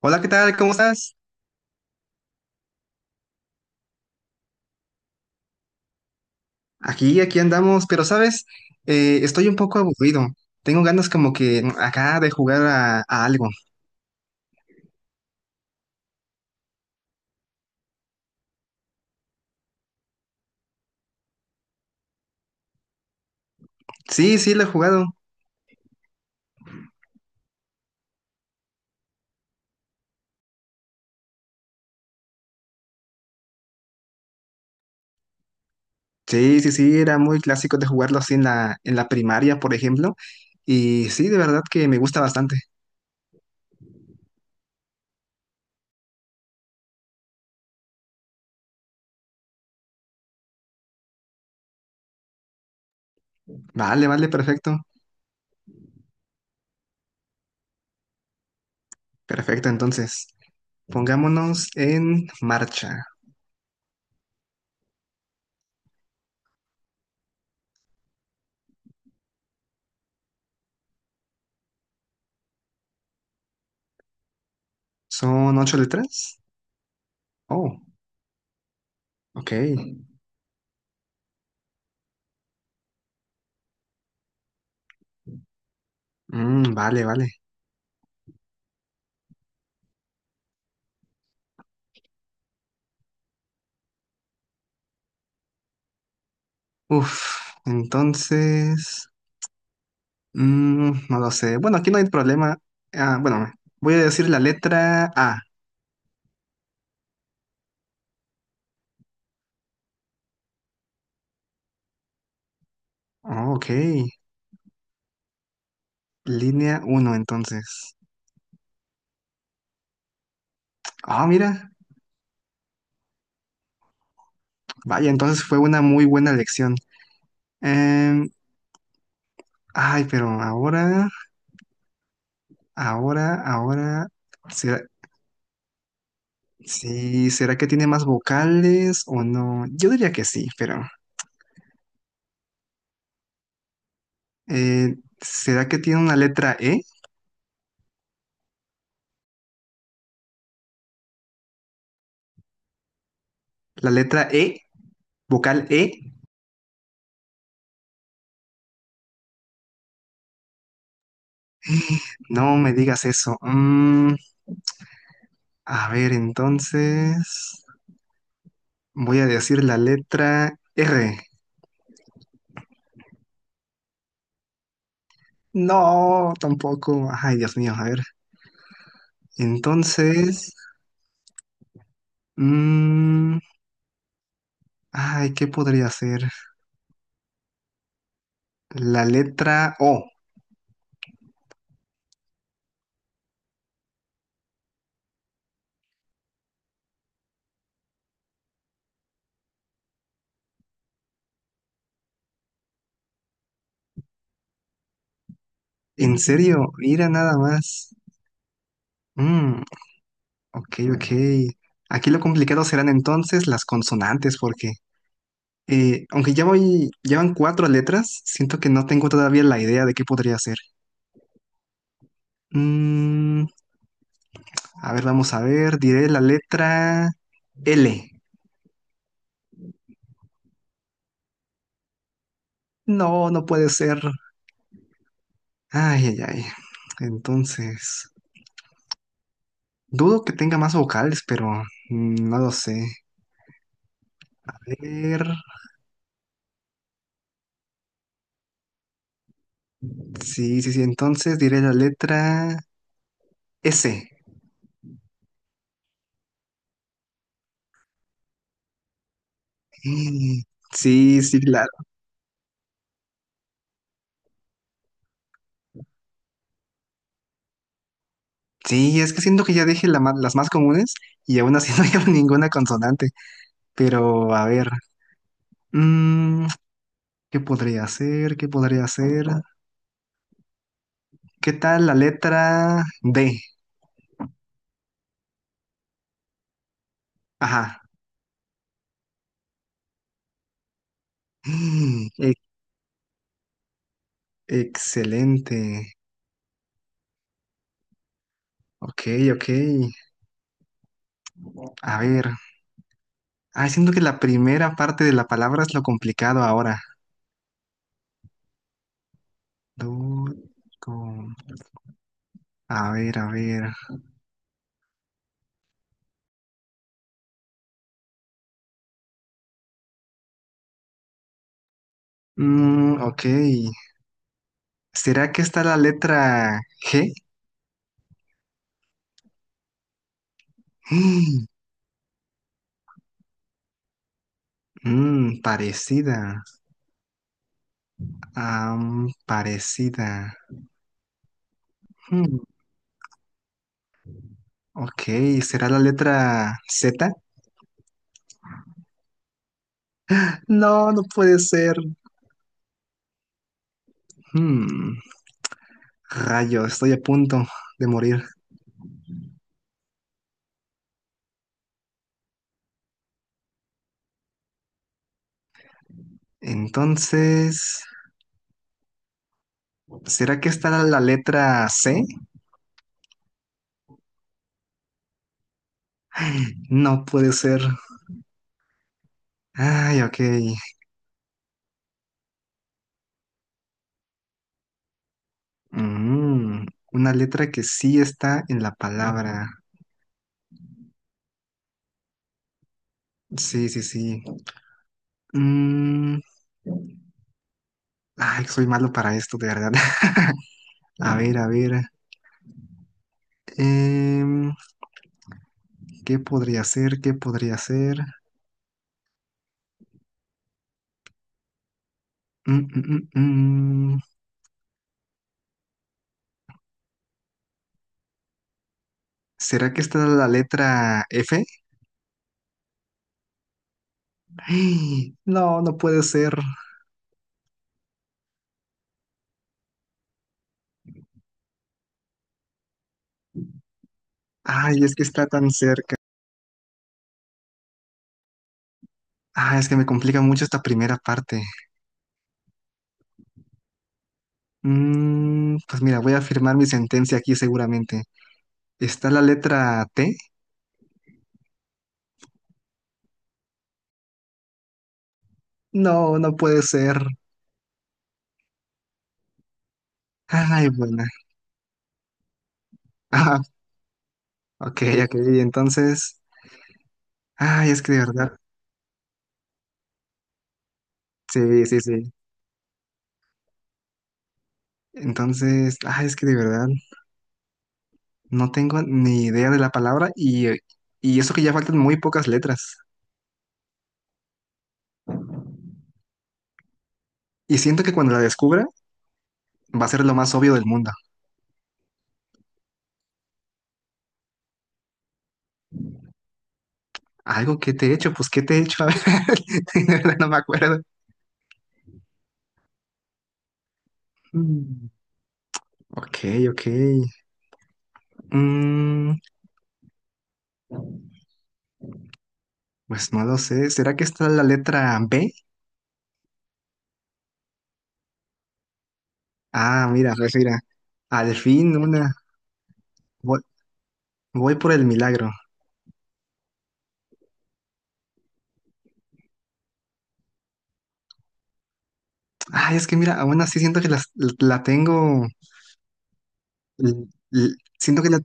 Hola, ¿qué tal? ¿Cómo estás? Aquí andamos, pero sabes, estoy un poco aburrido. Tengo ganas como que acá de jugar a algo. Sí, sí, lo he jugado. Sí, sí, sí, era muy clásico de jugarlo así en la primaria, por ejemplo. Y sí, de verdad que me gusta bastante. Vale, vale, perfecto. Perfecto, entonces, pongámonos en marcha. ¿Son 8 letras? Oh, ok. Vale, vale. Uf, entonces... no lo sé. Bueno, aquí no hay problema. Ah, bueno, voy a decir la letra A. Oh, ok. Línea 1 entonces. Ah, mira. Vaya, entonces fue una muy buena lección. Em, ay, pero ahora, ahora. ¿Será, sí, ¿será que tiene más vocales o no? Yo diría que sí, pero. eh, ¿Será que tiene una letra E? La letra E, vocal E. No me digas eso. A ver, entonces. Voy a decir la letra R. No, tampoco. Ay, Dios mío, a ver. Entonces, mm, ay, ¿qué podría ser? La letra O. ¿En serio? Mira nada más. Mm, ok, ok. Aquí lo complicado serán entonces las consonantes, porque aunque ya voy, llevan cuatro letras, siento que no tengo todavía la idea de qué podría ser. Mm, a ver, vamos a ver. Diré la letra L. No, no puede ser. Ay, ay, ay. Entonces, dudo que tenga más vocales, pero no lo sé. A ver. Sí, sí, sí. Entonces diré la letra S. Mm, sí, sí, claro. Sí, es que siento que ya dije la las más comunes y aún así no llevo ninguna consonante. Pero, a ver. mm, ¿Qué podría hacer, ¿Qué podría hacer. ¿Qué tal la letra D? Ajá. Mm, e- excelente. Ok, ok. A ver. Ah, siento que la primera parte de la palabra es lo complicado ahora. Du- com- A ver, a ver. Ok. ¿Será que está la letra G? Parecida. Parecida. Mm, ok. ¿Será la letra Z? No, no puede ser. Mm, rayo, estoy a punto de morir. Entonces. ¿Será que está la letra C? No puede ser. Ay, ok. Mm, una letra que sí está en la palabra. Sí, sí, sí. Mm, ay, soy malo para esto, de verdad. A ver, a ver. Em, ¿Qué podría ser? ¿Qué podría ser? Mm, mm, mm, mm. ¿Será que está la letra F? Ay, no, no puede ser. Ay, es que está tan cerca. Ah, es que me complica mucho esta primera parte. Pues mira, voy a firmar mi sentencia aquí seguramente. ¿Está la letra T? No, no puede ser. Ay, buena. Ah, ok, ok. Entonces, ay, es que de verdad. Sí, sí, sí. Entonces, ay, es que de verdad no tengo ni idea de la palabra y eso que ya faltan muy pocas letras. Y siento que cuando la descubra va a ser lo más obvio del mundo. Algo que te he hecho, pues ¿qué te he hecho? A ver, de verdad no me acuerdo. Mm, Ok, ok. Mm, pues no lo sé. ¿Será que está la letra B? Ah, mira, pues mira. Al fin una. Voy, voy por el milagro. Ay, es que mira, aún así siento que tengo. l- siento que la.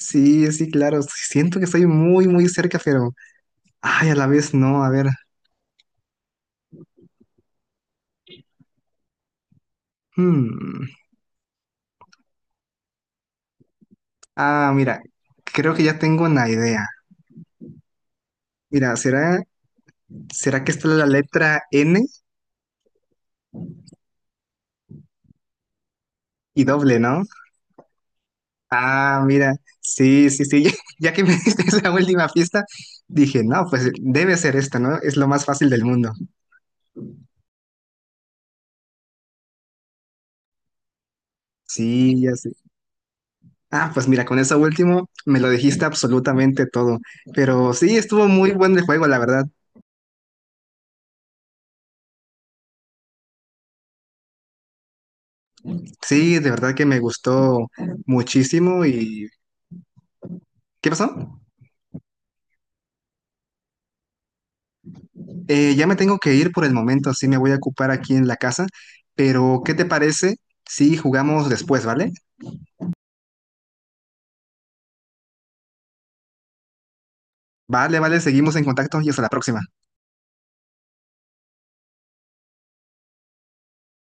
Sí, sí, claro. Sí, siento que estoy muy, muy cerca, pero. Ay, a la vez no. A ver. Hmm. Ah, mira. Creo que ya tengo una idea. Mira, ¿será que está la letra N y doble, ¿no? Ah, mira, sí, sí, sí, ya, ya que me diste esa última pista, dije, no, pues debe ser esta, ¿no? Es lo más fácil del mundo. Sí, ya sé. Ah, pues mira, con eso último me lo dijiste absolutamente todo, pero sí, estuvo muy buen el juego, la verdad. Sí, de verdad que me gustó muchísimo y... ¿Qué pasó? Ya me tengo que ir por el momento, sí me voy a ocupar aquí en la casa, pero ¿qué te parece si jugamos después, ¿vale? Vale, vale, seguimos en contacto y hasta la próxima.